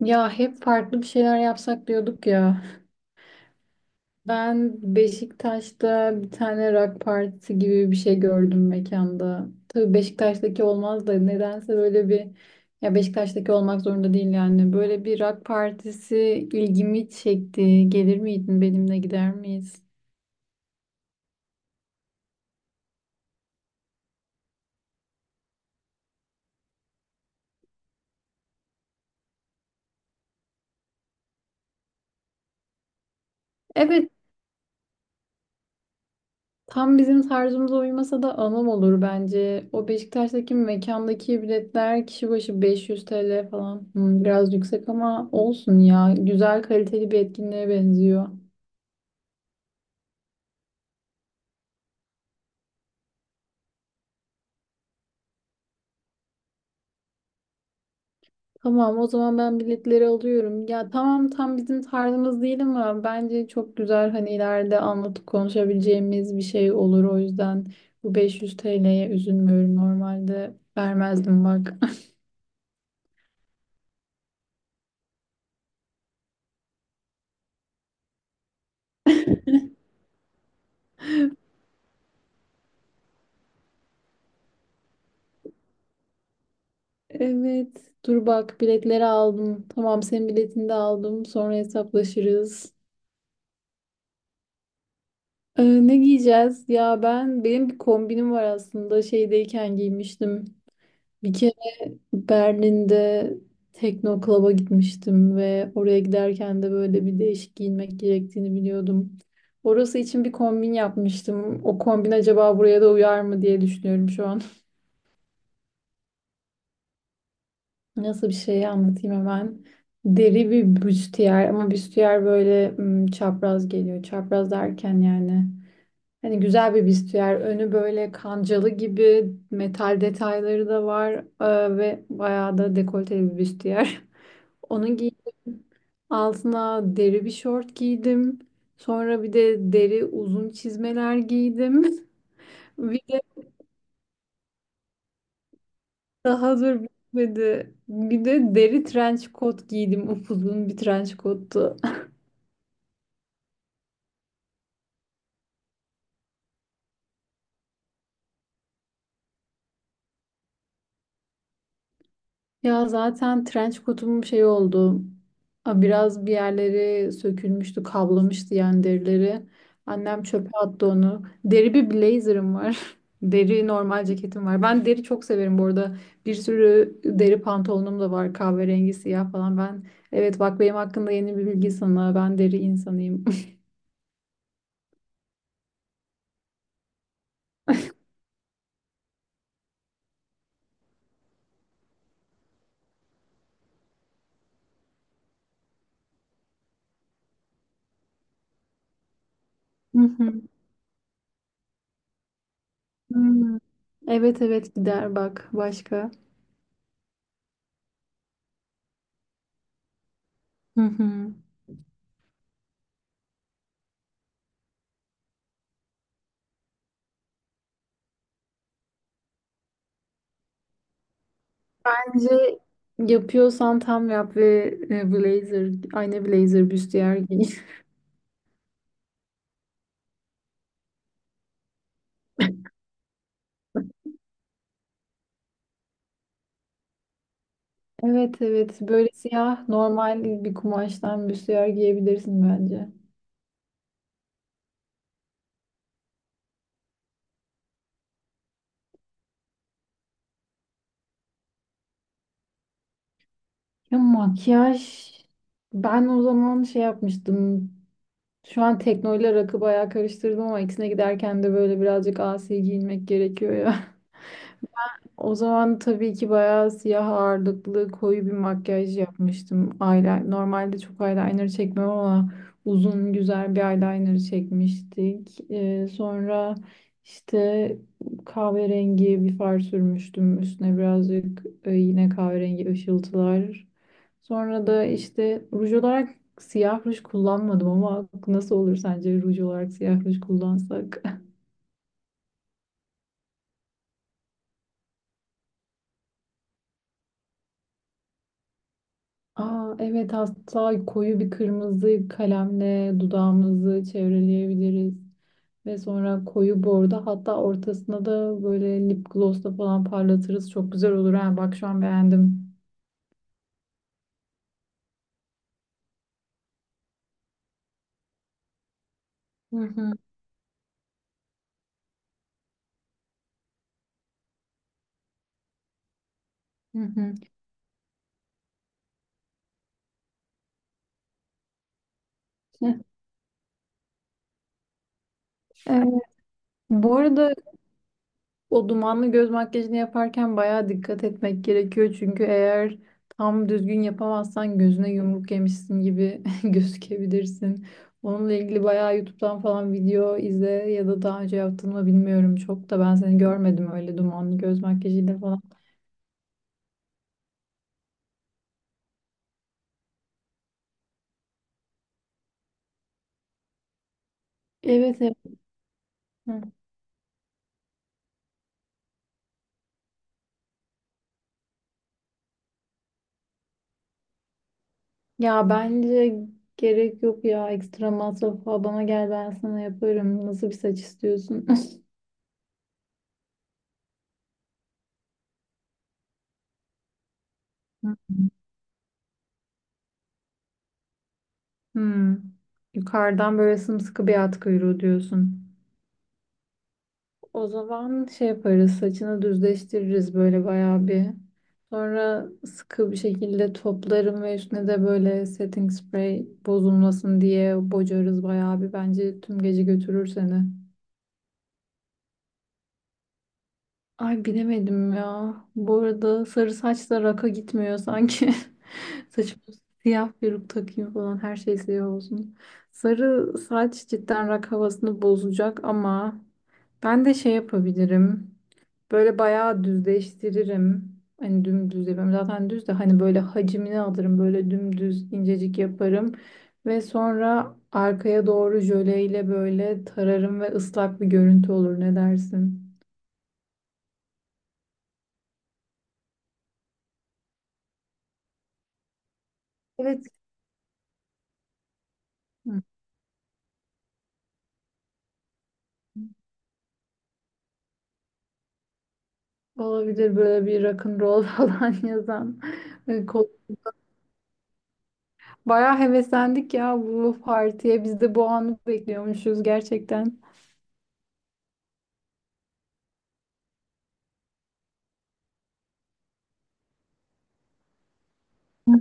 Ya hep farklı bir şeyler yapsak diyorduk ya. Ben Beşiktaş'ta bir tane rock partisi gibi bir şey gördüm mekanda. Tabii Beşiktaş'taki olmaz da nedense böyle bir ya Beşiktaş'taki olmak zorunda değil yani. Böyle bir rock partisi ilgimi çekti. Gelir miydin benimle gider miyiz? Evet. Tam bizim tarzımıza uymasa da anım olur bence. O Beşiktaş'taki mekandaki biletler kişi başı 500 TL falan. Hmm, biraz yüksek ama olsun ya. Güzel kaliteli bir etkinliğe benziyor. Tamam, o zaman ben biletleri alıyorum. Ya tamam, tam bizim tarzımız değil ama bence çok güzel, hani ileride anlatıp konuşabileceğimiz bir şey olur. O yüzden bu 500 TL'ye üzülmüyorum normalde. Vermezdim bak. Evet. Dur bak, biletleri aldım. Tamam, senin biletini de aldım. Sonra hesaplaşırız. Ne giyeceğiz? Ya ben, benim bir kombinim var aslında. Şeydeyken giymiştim. Bir kere Berlin'de Tekno Club'a gitmiştim ve oraya giderken de böyle bir değişik giyinmek gerektiğini biliyordum. Orası için bir kombin yapmıştım. O kombin acaba buraya da uyar mı diye düşünüyorum şu an. Nasıl bir şey anlatayım hemen. Deri bir büstiyer, ama büstiyer böyle çapraz geliyor. Çapraz derken yani, hani güzel bir büstiyer. Önü böyle kancalı gibi, metal detayları da var ve bayağı da dekolteli bir büstiyer. Onu giydim. Altına deri bir şort giydim. Sonra bir de deri uzun çizmeler giydim. Bir de daha dur, bitmedi. Bir de deri trench coat giydim. Upuzun bir trench coattu. Ya zaten trench coat'um şey oldu. A, biraz bir yerleri sökülmüştü, kablamıştı yani derileri. Annem çöpe attı onu. Deri bir blazer'ım var. Deri normal ceketim var. Ben deri çok severim bu arada. Bir sürü deri pantolonum da var. Kahverengi, siyah falan. Ben, evet bak, benim hakkında yeni bir bilgi sana. Ben deri insanıyım. Hı hı. Hmm. Evet evet, gider bak başka. Hı hı. Bence yapıyorsan tam yap ve blazer, aynı blazer büstiyer giy. Evet evet, böyle siyah normal bir kumaştan büstiyer giyebilirsin bence. Ya makyaj, ben o zaman şey yapmıştım. Şu an teknoyla rakı bayağı karıştırdım ama ikisine giderken de böyle birazcık asi giyinmek gerekiyor ya. O zaman tabii ki bayağı siyah ağırlıklı koyu bir makyaj yapmıştım. Eyeliner, normalde çok eyeliner çekmem ama uzun güzel bir eyeliner çekmiştik. Sonra işte kahverengi bir far sürmüştüm. Üstüne birazcık yine kahverengi ışıltılar. Sonra da işte ruj olarak siyah ruj kullanmadım ama nasıl olur sence ruj olarak siyah ruj kullansak? Aa, evet, hatta koyu bir kırmızı kalemle dudağımızı çevreleyebiliriz. Ve sonra koyu bordo, hatta ortasına da böyle lip glossla falan parlatırız. Çok güzel olur ha. Bak şu an beğendim. Hı hı, hı hı. Evet. Bu arada, o dumanlı göz makyajını yaparken bayağı dikkat etmek gerekiyor. Çünkü eğer tam düzgün yapamazsan gözüne yumruk yemişsin gibi gözükebilirsin. Onunla ilgili bayağı YouTube'dan falan video izle, ya da daha önce yaptın mı bilmiyorum, çok da ben seni görmedim öyle dumanlı göz makyajıyla falan. Evet evet. Hı. Ya bence gerek yok ya, ekstra masraf falan. Bana gel, ben sana yaparım. Nasıl bir saç istiyorsun? Hı. Hmm. Yukarıdan böyle sımsıkı bir at kuyruğu diyorsun. O zaman şey yaparız, saçını düzleştiririz böyle bayağı bir. Sonra sıkı bir şekilde toplarım ve üstüne de böyle setting spray bozulmasın diye bocarız bayağı bir. Bence tüm gece götürür seni. Ay bilemedim ya. Bu arada sarı saç da raka gitmiyor sanki. Saçıma siyah peruk takayım falan, her şey siyah olsun. Sarı saç cidden rak havasını bozacak ama ben de şey yapabilirim. Böyle bayağı düzleştiririm. Hani dümdüz yapıyorum. Zaten düz de, hani böyle hacmini alırım. Böyle dümdüz incecik yaparım. Ve sonra arkaya doğru jöleyle böyle tararım ve ıslak bir görüntü olur. Ne dersin? Evet. Hı. Olabilir, böyle bir rock'n'roll falan yazan. Ee, Kol- Bayağı heveslendik ya bu partiye. Biz de bu anı bekliyormuşuz gerçekten. Hı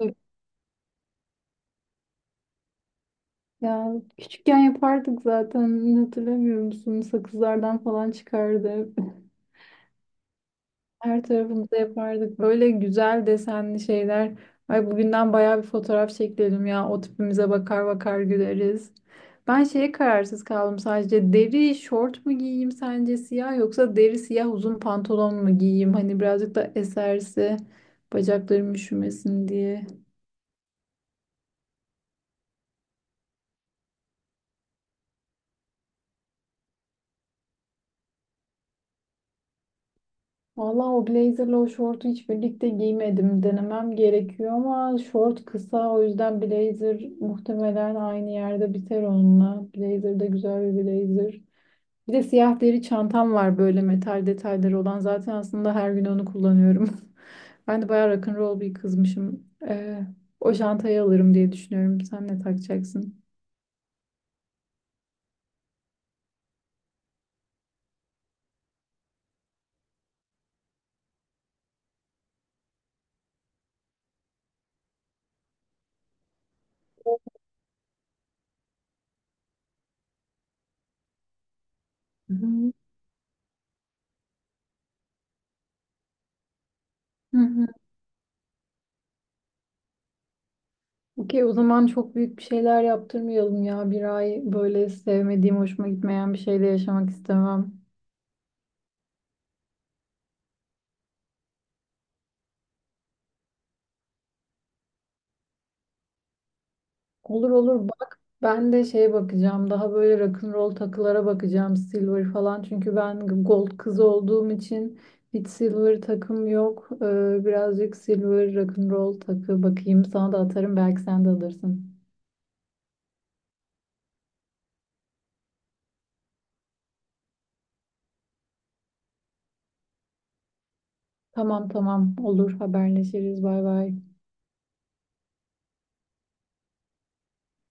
hı. Ya küçükken yapardık zaten, hatırlamıyor musun? Sakızlardan falan çıkardı hep. Her tarafımıza yapardık. Böyle güzel desenli şeyler. Ay, bugünden bayağı bir fotoğraf çekelim ya. O tipimize bakar bakar güleriz. Ben şeye kararsız kaldım sadece. Deri şort mu giyeyim sence siyah, yoksa deri siyah uzun pantolon mu giyeyim? Hani birazcık da eserse bacaklarım üşümesin diye. Vallahi o blazerla o şortu hiç birlikte giymedim. Denemem gerekiyor ama şort kısa, o yüzden blazer muhtemelen aynı yerde biter onunla. Blazer de güzel bir blazer. Bir de siyah deri çantam var, böyle metal detayları olan. Zaten aslında her gün onu kullanıyorum. Ben de bayağı rock'n'roll bir kızmışım. O çantayı alırım diye düşünüyorum. Sen ne takacaksın? Hı. Hı hı. Hı. Okey, o zaman çok büyük bir şeyler yaptırmayalım ya. Bir ay böyle sevmediğim, hoşuma gitmeyen bir şeyde yaşamak istemem. Olur olur bak. Ben de şeye bakacağım. Daha böyle rock'n'roll takılara bakacağım. Silver falan. Çünkü ben gold kız olduğum için hiç silver takım yok. Birazcık silver rock'n'roll takı bakayım. Sana da atarım. Belki sen de alırsın. Tamam tamam. Olur. Haberleşiriz. Bay bay.